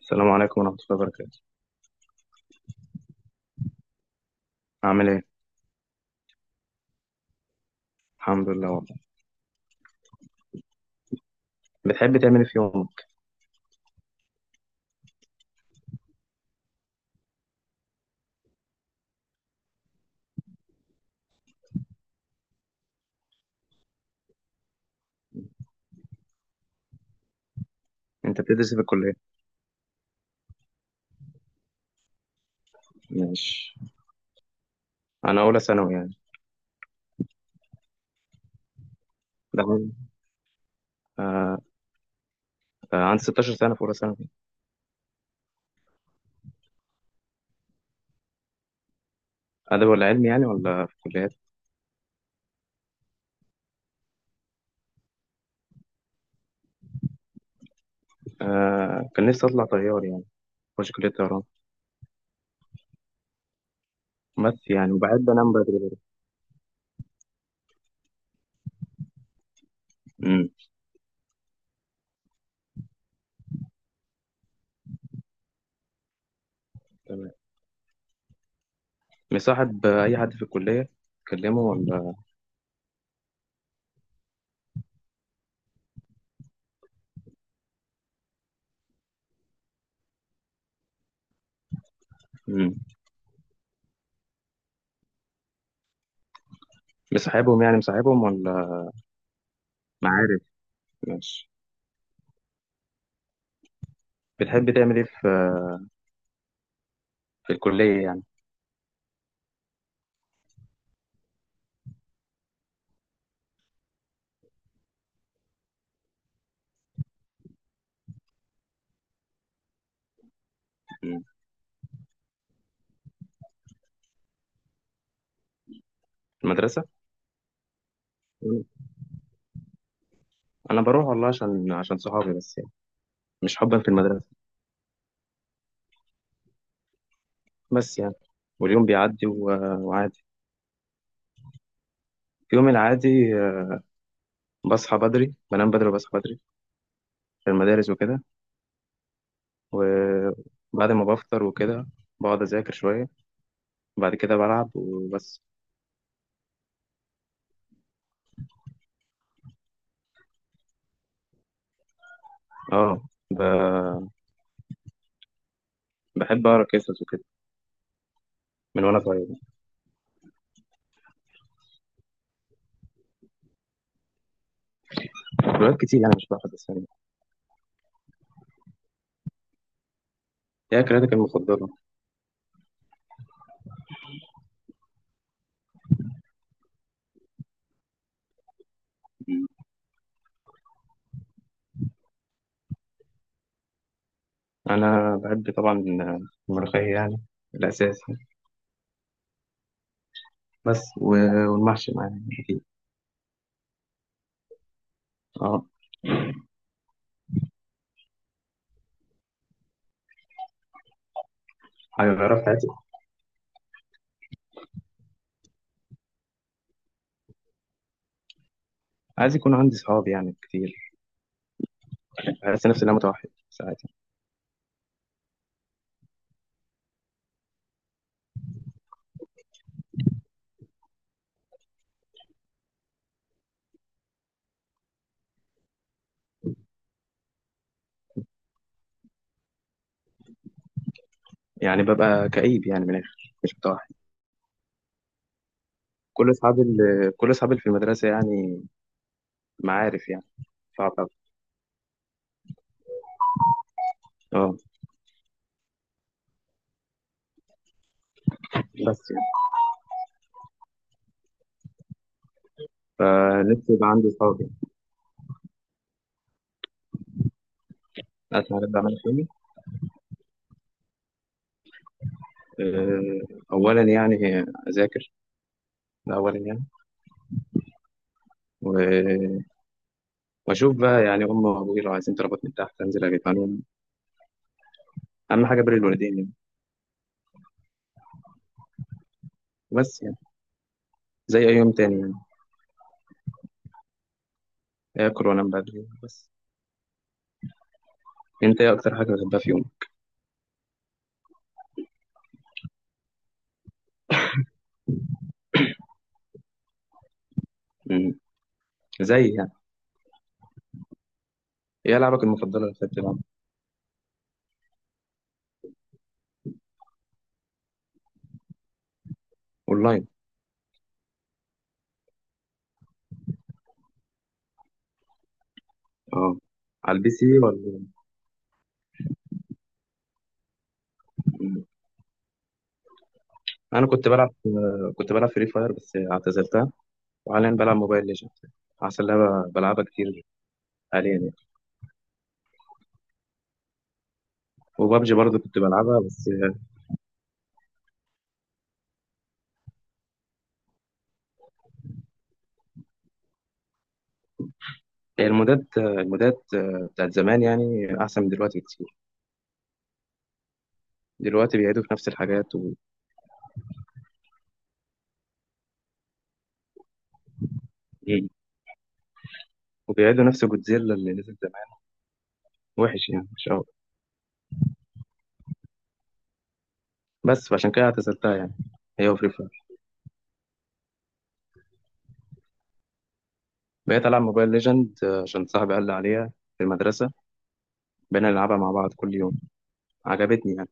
السلام عليكم ورحمة الله وبركاته. عامل ايه؟ الحمد لله والله. بتحب تعمل ايه في يومك؟ انت بتدرس إيه في الكلية؟ ماشي. انا اولى ثانوي يعني. ده عندي آه. آه عندي 16 سنة في اولى ثانوي. ادب ولا علمي يعني ولا في كليات؟ آه كان نفسي اطلع طيار يعني، اخش كلية طيران. بس يعني وبحب انام بدري بس. امم تمام. مصاحب اي حد في الكلية؟ تكلمه ولا؟ امم مصاحبهم يعني مصاحبهم ولا معارف؟ ماشي. بتحب تعمل ايه في في الكلية يعني؟ مم. المدرسة؟ انا بروح والله عشان عشان صحابي بس يعني، مش حبا في المدرسه. بس يعني، واليوم بيعدي وعادي. في يوم العادي آه، بصحى بدري، بنام بدري وبصحى بدري في المدارس وكده، وبعد ما بفطر وكده بقعد اذاكر شويه، وبعد كده بلعب وبس. اه ب... بحب اقرا قصص وكده من وانا صغير. روايات كتير يعني مش بحفظ بس يعني. هي قراءتك المفضله؟ انا بحب طبعا الملوخيه يعني، الاساسي. بس والمحشي معايا اكيد. اه. هيعرف. عايز يكون عندي صحاب يعني كتير. بحس نفسي إن أنا متوحد ساعات. يعني ببقى كئيب يعني من الآخر، مش متوحد. كل كل أصحابي اللي في المدرسة يعني معارف يعني. صعب أوي. أه. بس يعني. فنفسي يبقى عندي صحاب يعني. عارف أنا بعمل إيه؟ آه، أولا يعني أذاكر، ده أولا يعني. و- وأشوف بقى يعني أمي وأبوي لو عايزين طلبات من تحت أنزل أجيبها لهم، أهم حاجة بر الوالدين يعني. بس يعني زي أي يوم تاني يعني، آكل وأنام بدري بس. أنت إيه أكتر حاجة بتحبها في يوم؟ مم. زي يعني. ايه لعبك المفضله اللي كنت بتلعبها؟ اونلاين. اه. على البي سي ولا؟ انا كنت بلعب كنت بلعب فري فاير بس اعتزلتها، وحاليا بلعب موبايل ليجند عشان لعبه بلعبها كتير حاليا يعني. وبابجي برضه كنت بلعبها بس. هي المودات المودات بتاعت زمان يعني احسن من دلوقتي كتير. دلوقتي بيعيدوا في نفس الحاجات وبيعيدوا نفس جودزيلا اللي نزل زمان، وحش يعني مش قوي. بس فعشان كده اعتزلتها يعني، هي وفري فاير. بقيت العب موبايل ليجند عشان صاحبي قال لي عليها في المدرسه، بقينا نلعبها مع بعض كل يوم. عجبتني يعني.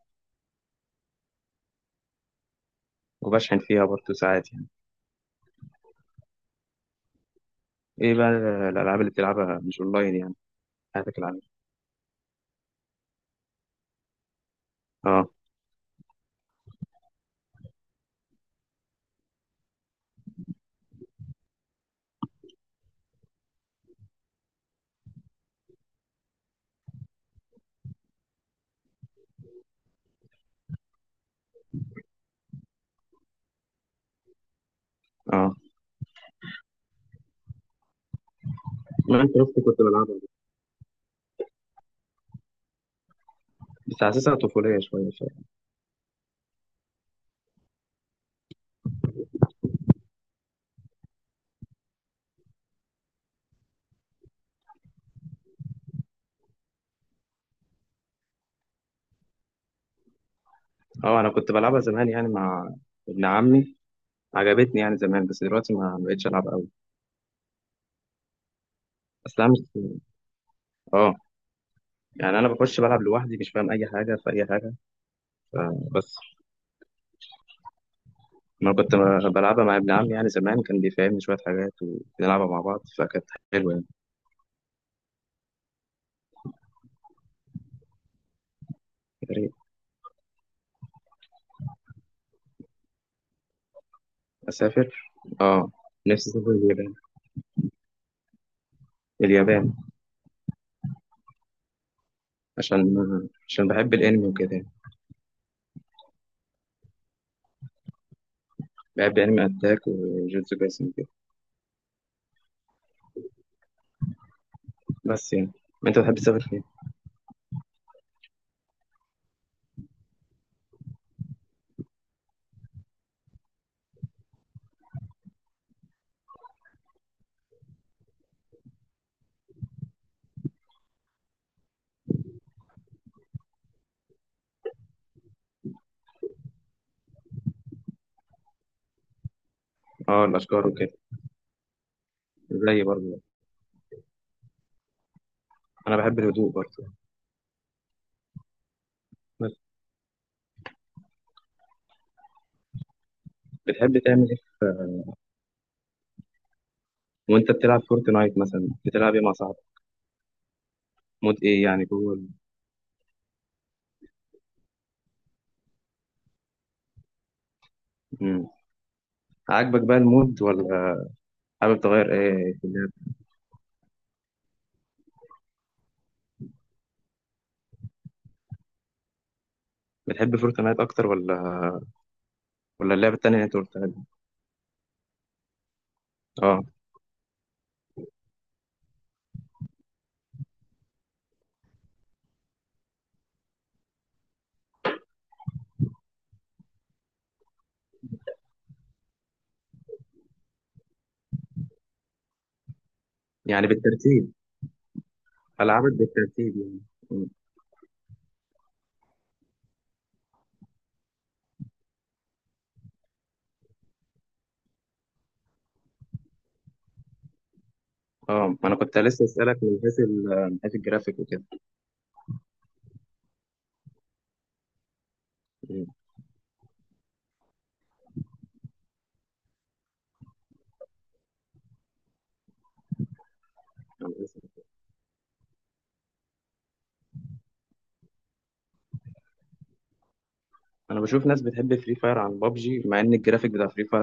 وبشحن فيها برضه ساعات يعني. ايه بقى الالعاب اللي بتلعبها مش اونلاين يعني، حياتك العادية؟ اه. اه. لا انت رحت كنت بلعبها بس حاسسها طفوليه شويه شويه. اه انا كنت بلعبها زمان يعني مع ابن عمي، عجبتني يعني زمان بس دلوقتي ما بقتش العب قوي. اصل انا مش، اه يعني انا بخش بلعب لوحدي مش فاهم اي حاجه في اي حاجه فبس. ما كنت بلعبها مع ابن عمي يعني زمان، كان بيفهمني شويه حاجات وبنلعبها مع بعض فكانت حلوه يعني. يا ريت. اسافر، اه. نفسي اسافر اليابان. اليابان. عشان عشان بحب الانمي وكده يعني، بحب انمي اتاك وجوجوتسو كايسن وكده. بس يعني انت بتحب تسافر فين؟ اه الاشجار وكده. زي برضه، انا بحب الهدوء برضه. بس بتحب تعمل ايه وانت بتلعب فورتنايت مثلا بتلعب ايه مع صاحبك؟ مود ايه يعني جوه مم. عاجبك بقى المود ولا حابب تغير ايه في اللعب؟ بتحب فورتنايت اكتر ولا ولا اللعبه التانيه اللي انت قلتها دي؟ اه. يعني بالترتيب، العابك بالترتيب يعني. مم. اه ما انا كنت لسه اسالك من حيث من حيث الجرافيك وكده. مم. انا بشوف ناس بتحب فري فاير عن بابجي مع ان الجرافيك بتاع فري فاير